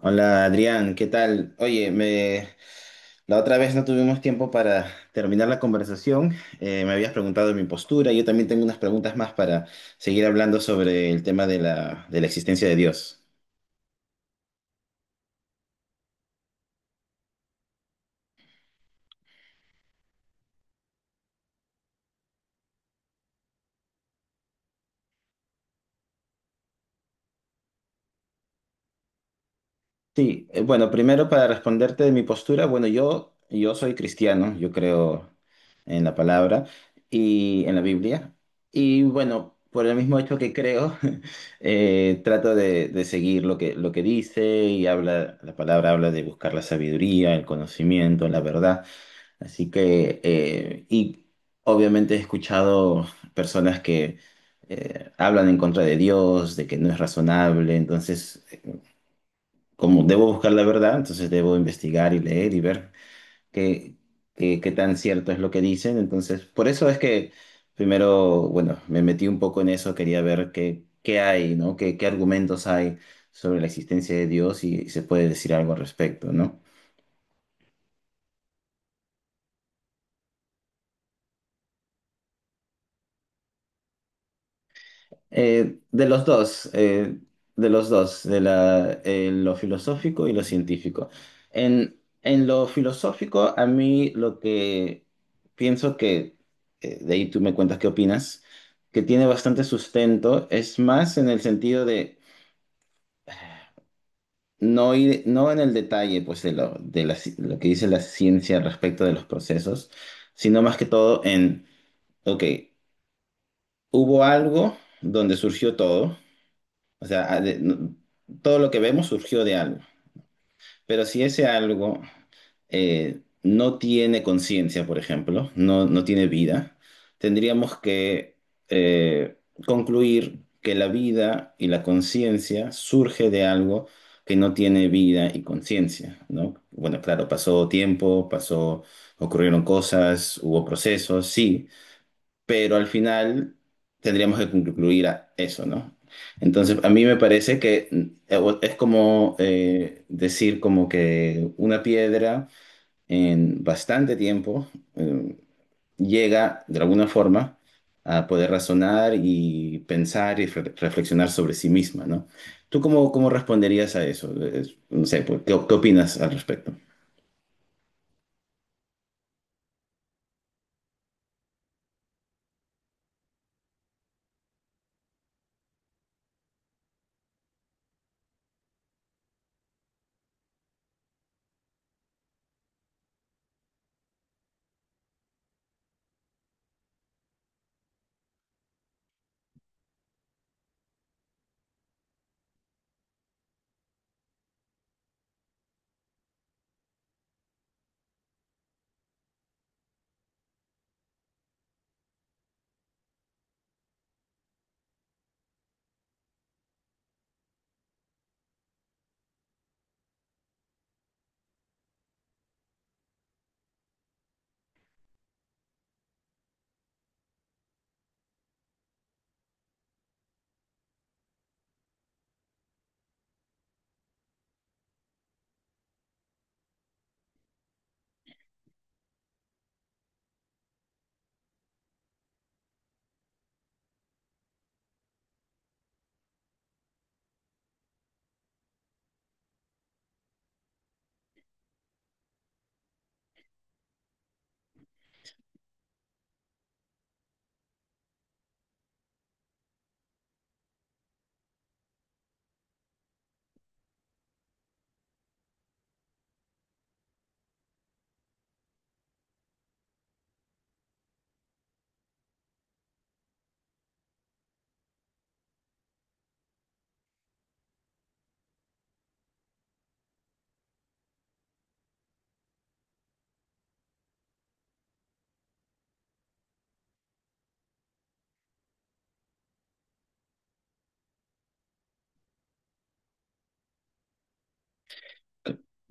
Hola Adrián, ¿qué tal? Oye, me... la otra vez no tuvimos tiempo para terminar la conversación. Me habías preguntado de mi postura. Yo también tengo unas preguntas más para seguir hablando sobre el tema de la existencia de Dios. Sí, bueno, primero para responderte de mi postura, bueno, yo soy cristiano, yo creo en la palabra y en la Biblia. Y bueno, por el mismo hecho que creo, trato de seguir lo que dice y habla, la palabra habla de buscar la sabiduría, el conocimiento, la verdad. Así que, obviamente he escuchado personas que hablan en contra de Dios, de que no es razonable. Entonces, como debo buscar la verdad, entonces debo investigar y leer y ver qué, qué tan cierto es lo que dicen. Entonces, por eso es que primero, bueno, me metí un poco en eso, quería ver qué hay, ¿no? Qué argumentos hay sobre la existencia de Dios y si se puede decir algo al respecto, ¿no? De los dos. De los dos, lo filosófico y lo científico. En lo filosófico, a mí lo que pienso que, de ahí tú me cuentas qué opinas, que tiene bastante sustento, es más en el sentido de no ir, no en el detalle, pues, de lo que dice la ciencia respecto de los procesos, sino más que todo en, ok, hubo algo donde surgió todo. O sea, todo lo que vemos surgió de algo. Pero si ese algo no tiene conciencia, por ejemplo, no tiene vida, tendríamos que eh, concluir que la vida y la conciencia surge de algo que no tiene vida y conciencia, ¿no? Bueno, claro, pasó tiempo, pasó, ocurrieron cosas, hubo procesos, sí, pero al final tendríamos que concluir a eso, ¿no? Entonces, a mí me parece que es como decir como que una piedra en bastante tiempo eh, llega de alguna forma a poder razonar y pensar y reflexionar sobre sí misma, ¿no? ¿Tú cómo responderías a eso? No sé, pues, qué opinas al respecto?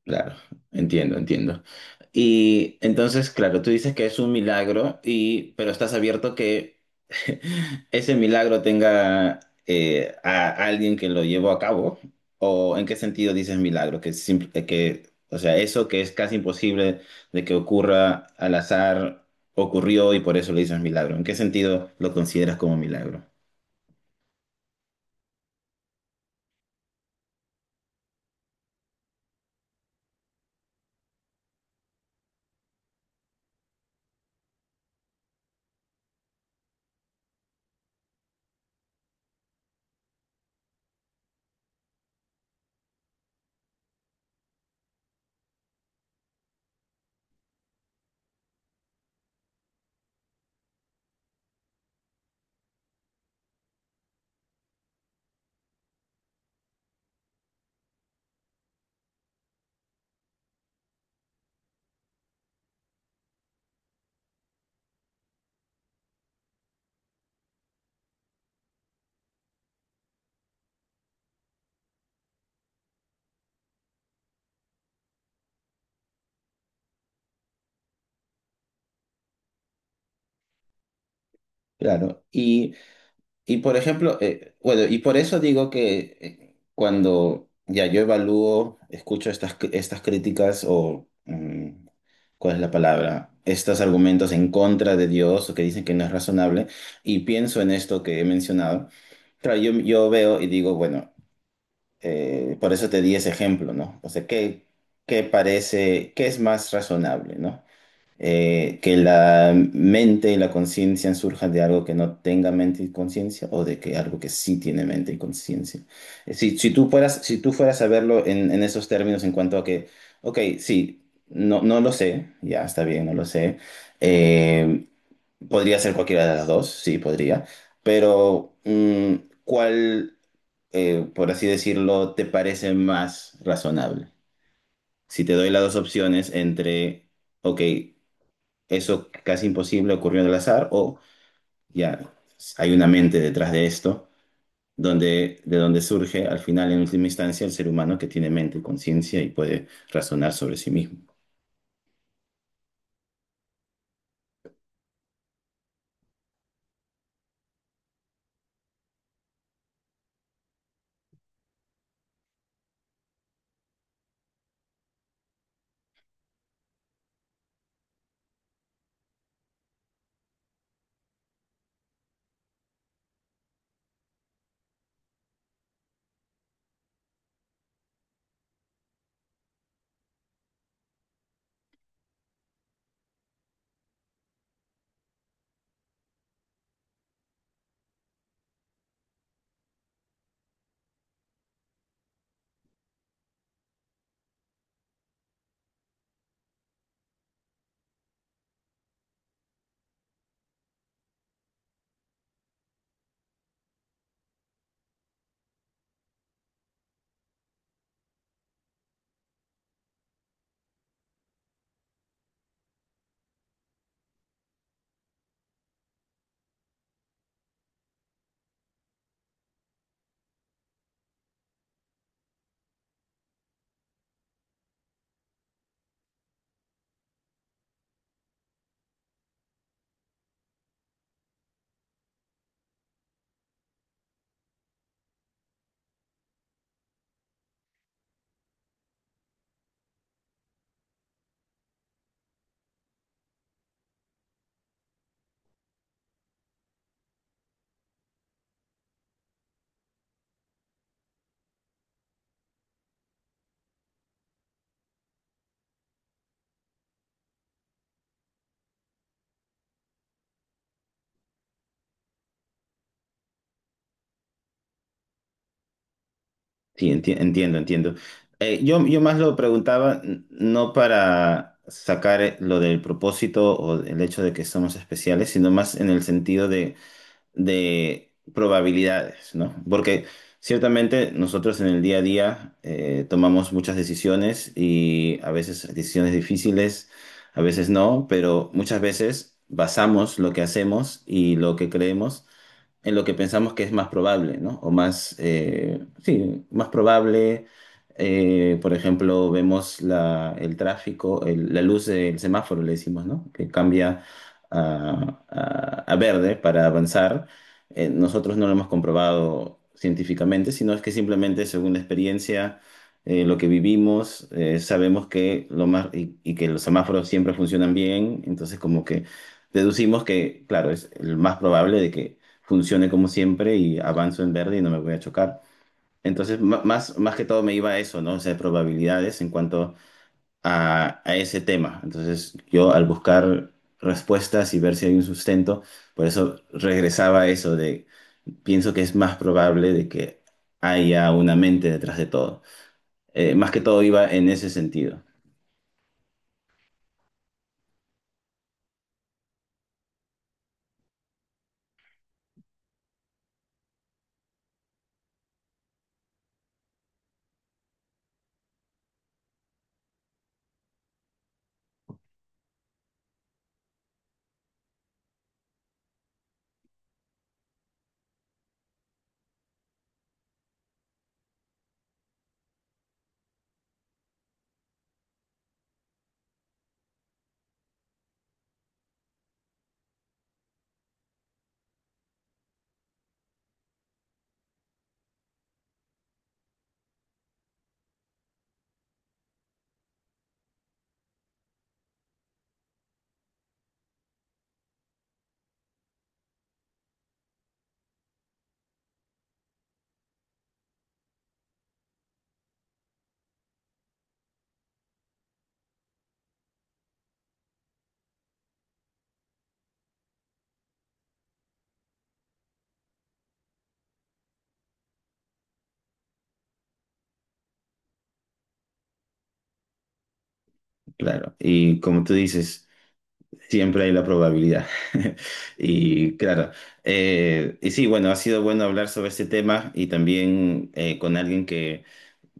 Claro, entiendo, entiendo. Y entonces, claro, tú dices que es un milagro y, pero estás abierto que ese milagro tenga, a alguien que lo llevó a cabo. ¿O en qué sentido dices milagro? Que simple, o sea, eso que es casi imposible de que ocurra al azar ocurrió y por eso le dices milagro. ¿En qué sentido lo consideras como milagro? Claro. Y por ejemplo, bueno, y por eso digo que cuando ya yo evalúo, escucho estas, estas críticas o, mm, ¿cuál es la palabra? Estos argumentos en contra de Dios o que dicen que no es razonable, y pienso en esto que he mencionado, claro, yo veo y digo, bueno, por eso te di ese ejemplo, ¿no? O sea, qué parece, qué es más razonable, ¿no? Que la mente y la conciencia surjan de algo que no tenga mente y conciencia o de que algo que sí tiene mente y conciencia. Si tú fueras, si tú fueras a verlo en esos términos en cuanto a que, ok, sí, no lo sé, ya está bien, no lo sé, eh, podría ser cualquiera de las dos, sí, podría, pero ¿cuál, por así decirlo, te parece más razonable? Si te doy las dos opciones entre, ok, eso casi imposible ocurrió en el azar, o ya hay una mente detrás de esto, donde, de donde surge al final, en última instancia, el ser humano que tiene mente y conciencia y puede razonar sobre sí mismo. Sí, entiendo, entiendo. Yo más lo preguntaba no para sacar lo del propósito o el hecho de que somos especiales, sino más en el sentido de probabilidades, ¿no? Porque ciertamente nosotros en el día a día tomamos muchas decisiones y a veces decisiones difíciles, a veces no, pero muchas veces basamos lo que hacemos y lo que creemos en lo que pensamos que es más probable, ¿no? O más, sí, más probable. Por ejemplo, vemos el tráfico, la luz del semáforo, le decimos, ¿no? Que cambia a verde para avanzar. Nosotros no lo hemos comprobado científicamente, sino es que simplemente según la experiencia, lo que vivimos, sabemos que lo más, y que los semáforos siempre funcionan bien, entonces como que deducimos que, claro, es el más probable de que funcione como siempre y avanzo en verde y no me voy a chocar. Entonces, más que todo me iba a eso, ¿no? O sea, probabilidades en cuanto a ese tema. Entonces, yo al buscar respuestas y ver si hay un sustento, por eso regresaba a eso de, pienso que es más probable de que haya una mente detrás de todo. Más que todo iba en ese sentido, claro. Y como tú dices... Siempre hay la probabilidad. Y claro, y sí, bueno, ha sido bueno hablar sobre este tema y también con alguien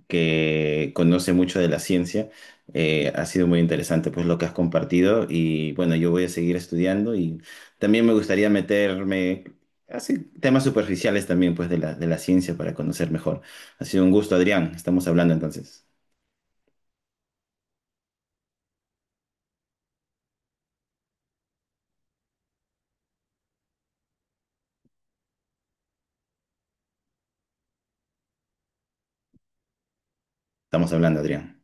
que conoce mucho de la ciencia. Ha sido muy interesante pues lo que has compartido y bueno, yo voy a seguir estudiando y también me gustaría meterme así temas superficiales también pues de la ciencia para conocer mejor. Ha sido un gusto, Adrián. Estamos hablando entonces. Estamos hablando, Adrián.